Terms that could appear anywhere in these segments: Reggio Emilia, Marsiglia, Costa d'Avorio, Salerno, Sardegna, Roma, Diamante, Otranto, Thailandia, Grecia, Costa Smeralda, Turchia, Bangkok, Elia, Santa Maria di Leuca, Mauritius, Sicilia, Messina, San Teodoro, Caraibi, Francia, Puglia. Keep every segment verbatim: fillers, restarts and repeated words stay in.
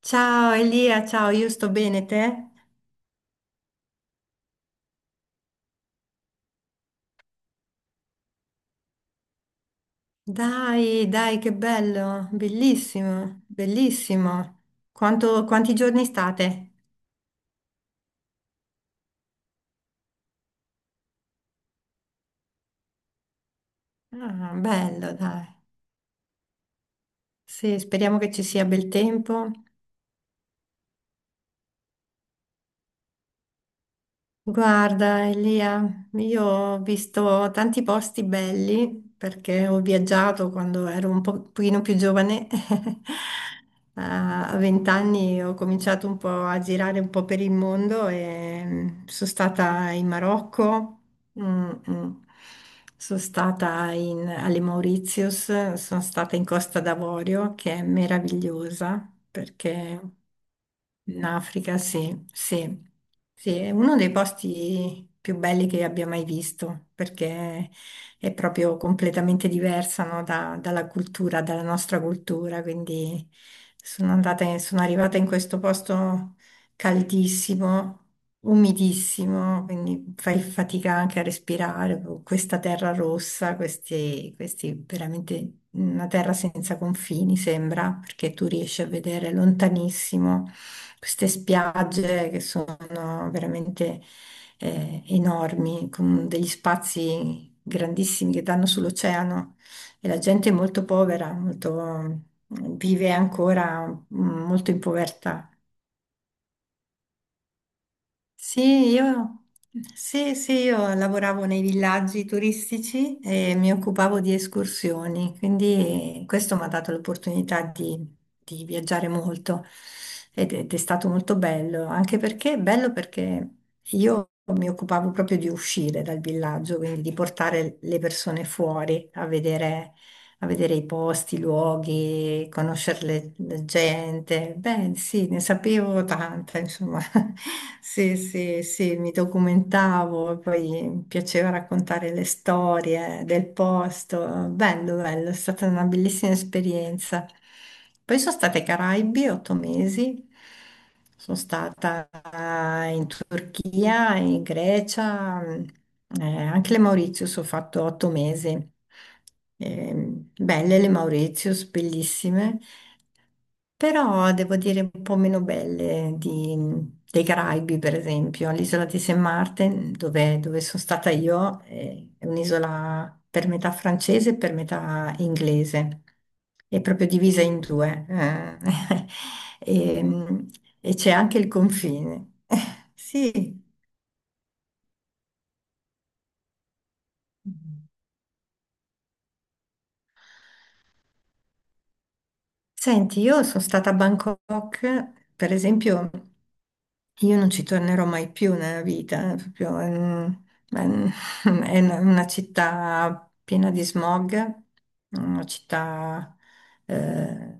Ciao Elia, ciao, io sto bene, te? Dai, dai, che bello, bellissimo, bellissimo. Quanto- quanti giorni state? Ah, bello, dai. Sì, speriamo che ci sia bel tempo. Guarda, Elia, io ho visto tanti posti belli perché ho viaggiato quando ero un po- pochino più giovane. A vent'anni ho cominciato un po' a girare un po' per il mondo e mm, sono stata in Marocco, mm, mm, sono stata in- alle Mauritius, sono stata in Costa d'Avorio che è meravigliosa perché in Africa, sì, sì, sì, è uno dei posti più belli che abbia mai visto, perché è proprio completamente diversa, no, da- dalla cultura, dalla nostra cultura, quindi sono andata, in- sono arrivata in questo posto caldissimo, umidissimo, quindi fai fatica anche a respirare con questa terra rossa, questi, questi veramente una terra senza confini sembra, perché tu riesci a vedere lontanissimo queste spiagge che sono veramente eh, enormi, con degli spazi grandissimi che danno sull'oceano e la gente è molto povera, molto, vive ancora mm, molto in povertà. Sì, io, sì, sì, io lavoravo nei villaggi turistici e mi occupavo di escursioni, quindi questo mi ha dato l'opportunità di, di viaggiare molto ed, ed è stato molto bello, anche perché bello perché io mi occupavo proprio di uscire dal villaggio, quindi di portare le persone fuori a vedere, a vedere i posti, i luoghi, conoscere le- la gente. Beh, sì, ne sapevo tanta, insomma. Sì, sì, sì, mi documentavo e poi mi piaceva raccontare le storie del posto. Bello, bello, è stata una bellissima esperienza. Poi sono state ai Caraibi otto mesi, sono stata in Turchia Turchia, in Grecia, mh, eh, anche le Mauritius ho fatto otto mesi. Ehm, belle le Mauritius, bellissime, però devo dire un po' meno belle di, dei Caraibi, per esempio. All'isola di Saint Martin, dove, dove sono stata io, eh, è un'isola per metà francese e per metà inglese, è proprio divisa in due, eh. E, e c'è anche il confine. Sì. Senti, io sono stata a Bangkok, per esempio, io non ci tornerò mai più nella vita, è proprio, mm, è un- è una una città piena di smog, una città eh,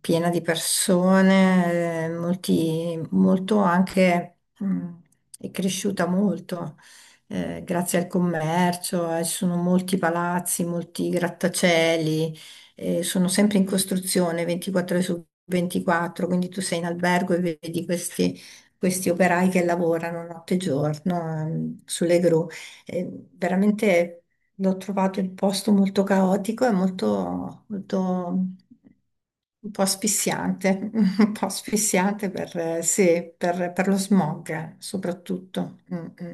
piena di persone, eh, molti, molto anche, mm, è cresciuta molto eh, grazie al commercio, eh, ci sono molti palazzi, molti grattacieli eh, sono sempre in costruzione ventiquattro ore su ventiquattro, quindi tu sei in albergo e vedi questi, questi operai che lavorano notte e giorno, ehm, sulle gru. Eh, veramente l'ho trovato il posto molto caotico e molto, molto un po' asfissiante, un po' asfissiante per, eh, sì, per- per lo smog eh, soprattutto. Mm, mm.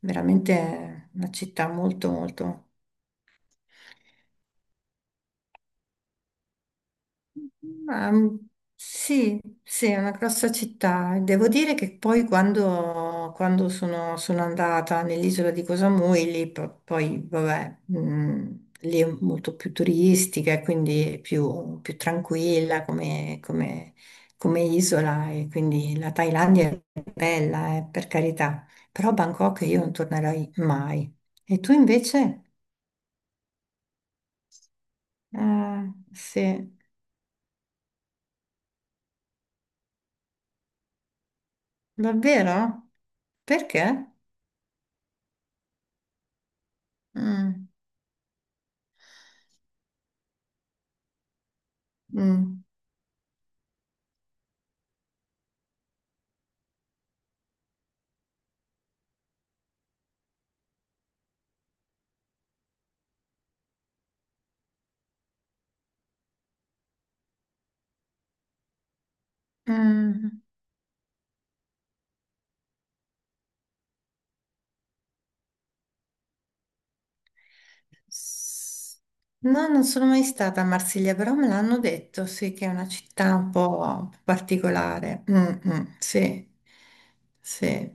Veramente una città molto, molto. Ma, mm, sì, sì, è una grossa città. E devo dire che poi quando, quando sono, sono andata nell'isola di Koh Samui, lì po- poi, vabbè, mm, lì è molto più turistica e quindi è più, più tranquilla come, come- come isola e quindi la Thailandia è bella, eh, per carità, però Bangkok io non tornerei mai. E tu invece? Ah, sì, davvero? Perché? Mm. Mm. Mm. S- No, non sono mai stata a Marsiglia, però me l'hanno detto, sì, che è una città un po' particolare. Mm, mm, sì, sì.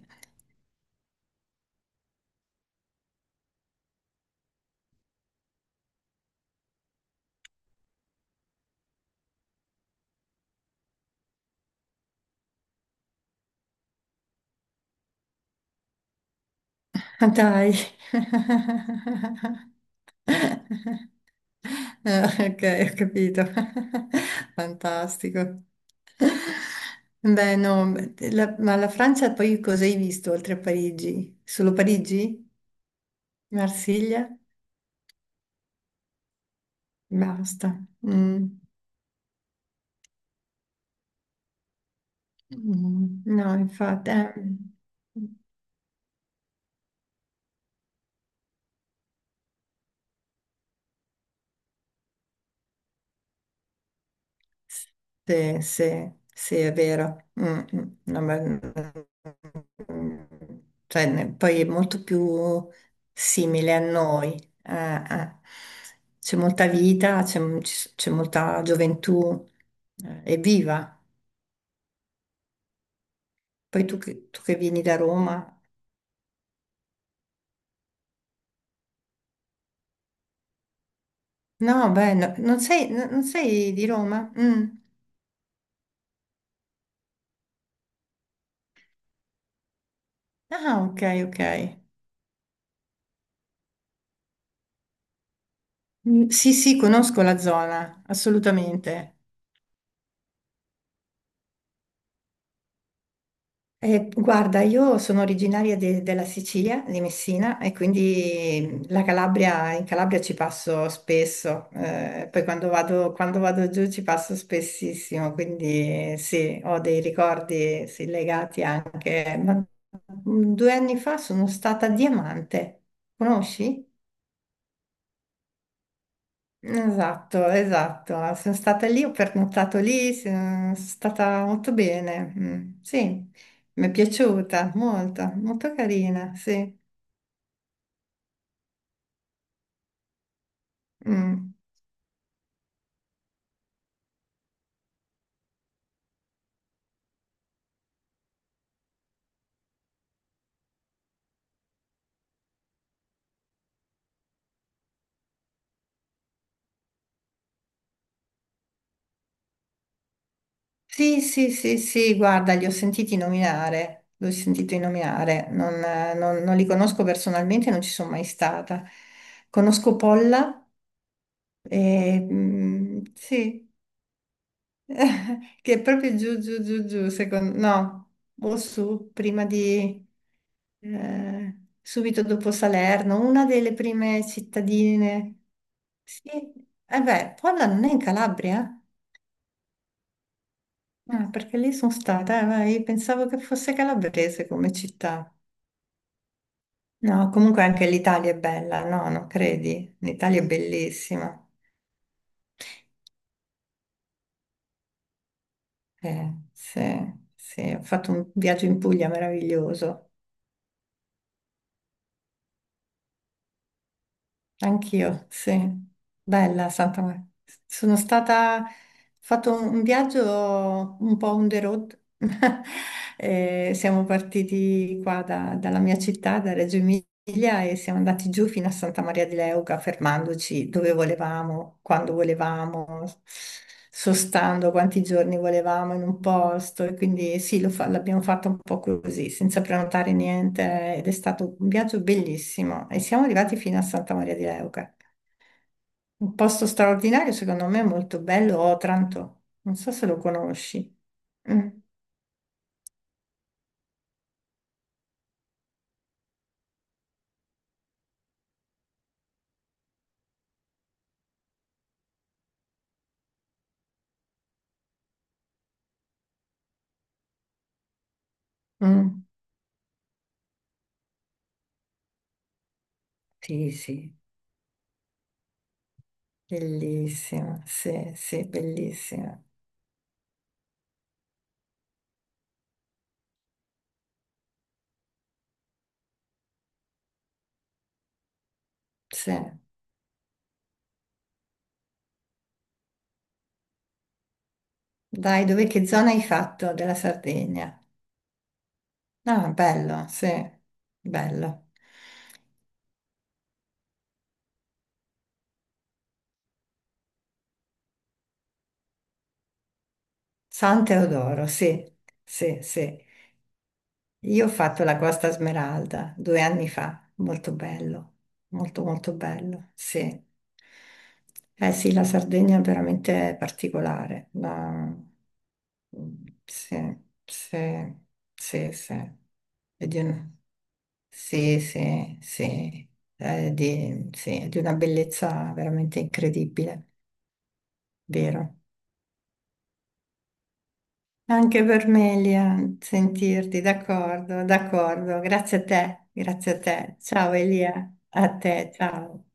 Ah, dai. Eh, ok, ho capito. Fantastico. Beh, no, la- ma la Francia poi cosa hai visto oltre a Parigi? Solo Parigi? Marsiglia? Basta. Mm. Mm, no, infatti, eh, sì, sì, sì, è vero. Mm, mm, no, ma- mm, cioè, ne- poi è molto più simile a noi. Eh, eh. C'è molta vita, c'è ci- c'è molta gioventù, eh, è viva. Poi tu che, tu che vieni da Roma. No, beh, no, non sei, no- non sei di Roma? Mm. Ah, ok, ok. Mm, sì, sì, conosco la zona, assolutamente. Eh, guarda, io sono originaria de- della Sicilia, di Messina, e quindi la Calabria, in Calabria ci passo spesso, eh, poi quando vado, quando vado giù ci passo spessissimo, quindi eh, sì, ho dei ricordi sì, legati anche. Ma mm, due anni fa sono stata a Diamante, conosci? Esatto, esatto. Sono stata lì, ho pernottato lì, se- sono stata molto bene. Mm, sì, mi è piaciuta molto, molto carina, sì. Mm. Sì, sì, sì, sì, guarda, li ho sentiti nominare, li ho sentiti nominare, non, eh, non- non li conosco personalmente, non ci sono mai stata. Conosco Polla, e, mm, sì. Che è proprio giù, giù, giù, giù, secondo... no, o su, prima di... eh, subito dopo Salerno, una delle prime cittadine. Sì, eh beh, Polla non è in Calabria? Eh? Ah, perché lì sono stata, eh, ma io pensavo che fosse calabrese come città. No, comunque anche l'Italia è bella, no, non credi? L'Italia è bellissima. Eh, sì, sì, ho fatto un viaggio in Puglia meraviglioso. Anch'io, sì. Bella Santa Maria. Sono stata, fatto un un viaggio un po' on the road. Eh, siamo partiti qua da- dalla mia città, da Reggio Emilia, e siamo andati giù fino a Santa Maria di Leuca, fermandoci dove volevamo, quando volevamo, sostando quanti giorni volevamo in un posto. E quindi sì, lo fa- l'abbiamo fatto un po' così, senza prenotare niente, ed è stato un viaggio bellissimo. E siamo arrivati fino a Santa Maria di Leuca. Un posto straordinario, secondo me, molto bello, Otranto. Non so se lo conosci. Mm, mm, sì, sì, bellissima, sì, sì, bellissima. Sì. Dai, dove, che zona hai fatto della Sardegna? Ah, bello, sì, bello. San Teodoro, sì, sì, sì. Io ho fatto la Costa Smeralda due anni fa, molto bello, molto molto bello, sì. Eh sì, la Sardegna è veramente particolare. La- Sì, sì, sì, sì. È di un- Sì, sì, sì. È di... sì, è di una bellezza veramente incredibile, vero? Anche per me, Elia, sentirti, d'accordo, d'accordo. Grazie a te, grazie a te. Ciao Elia, a te, ciao.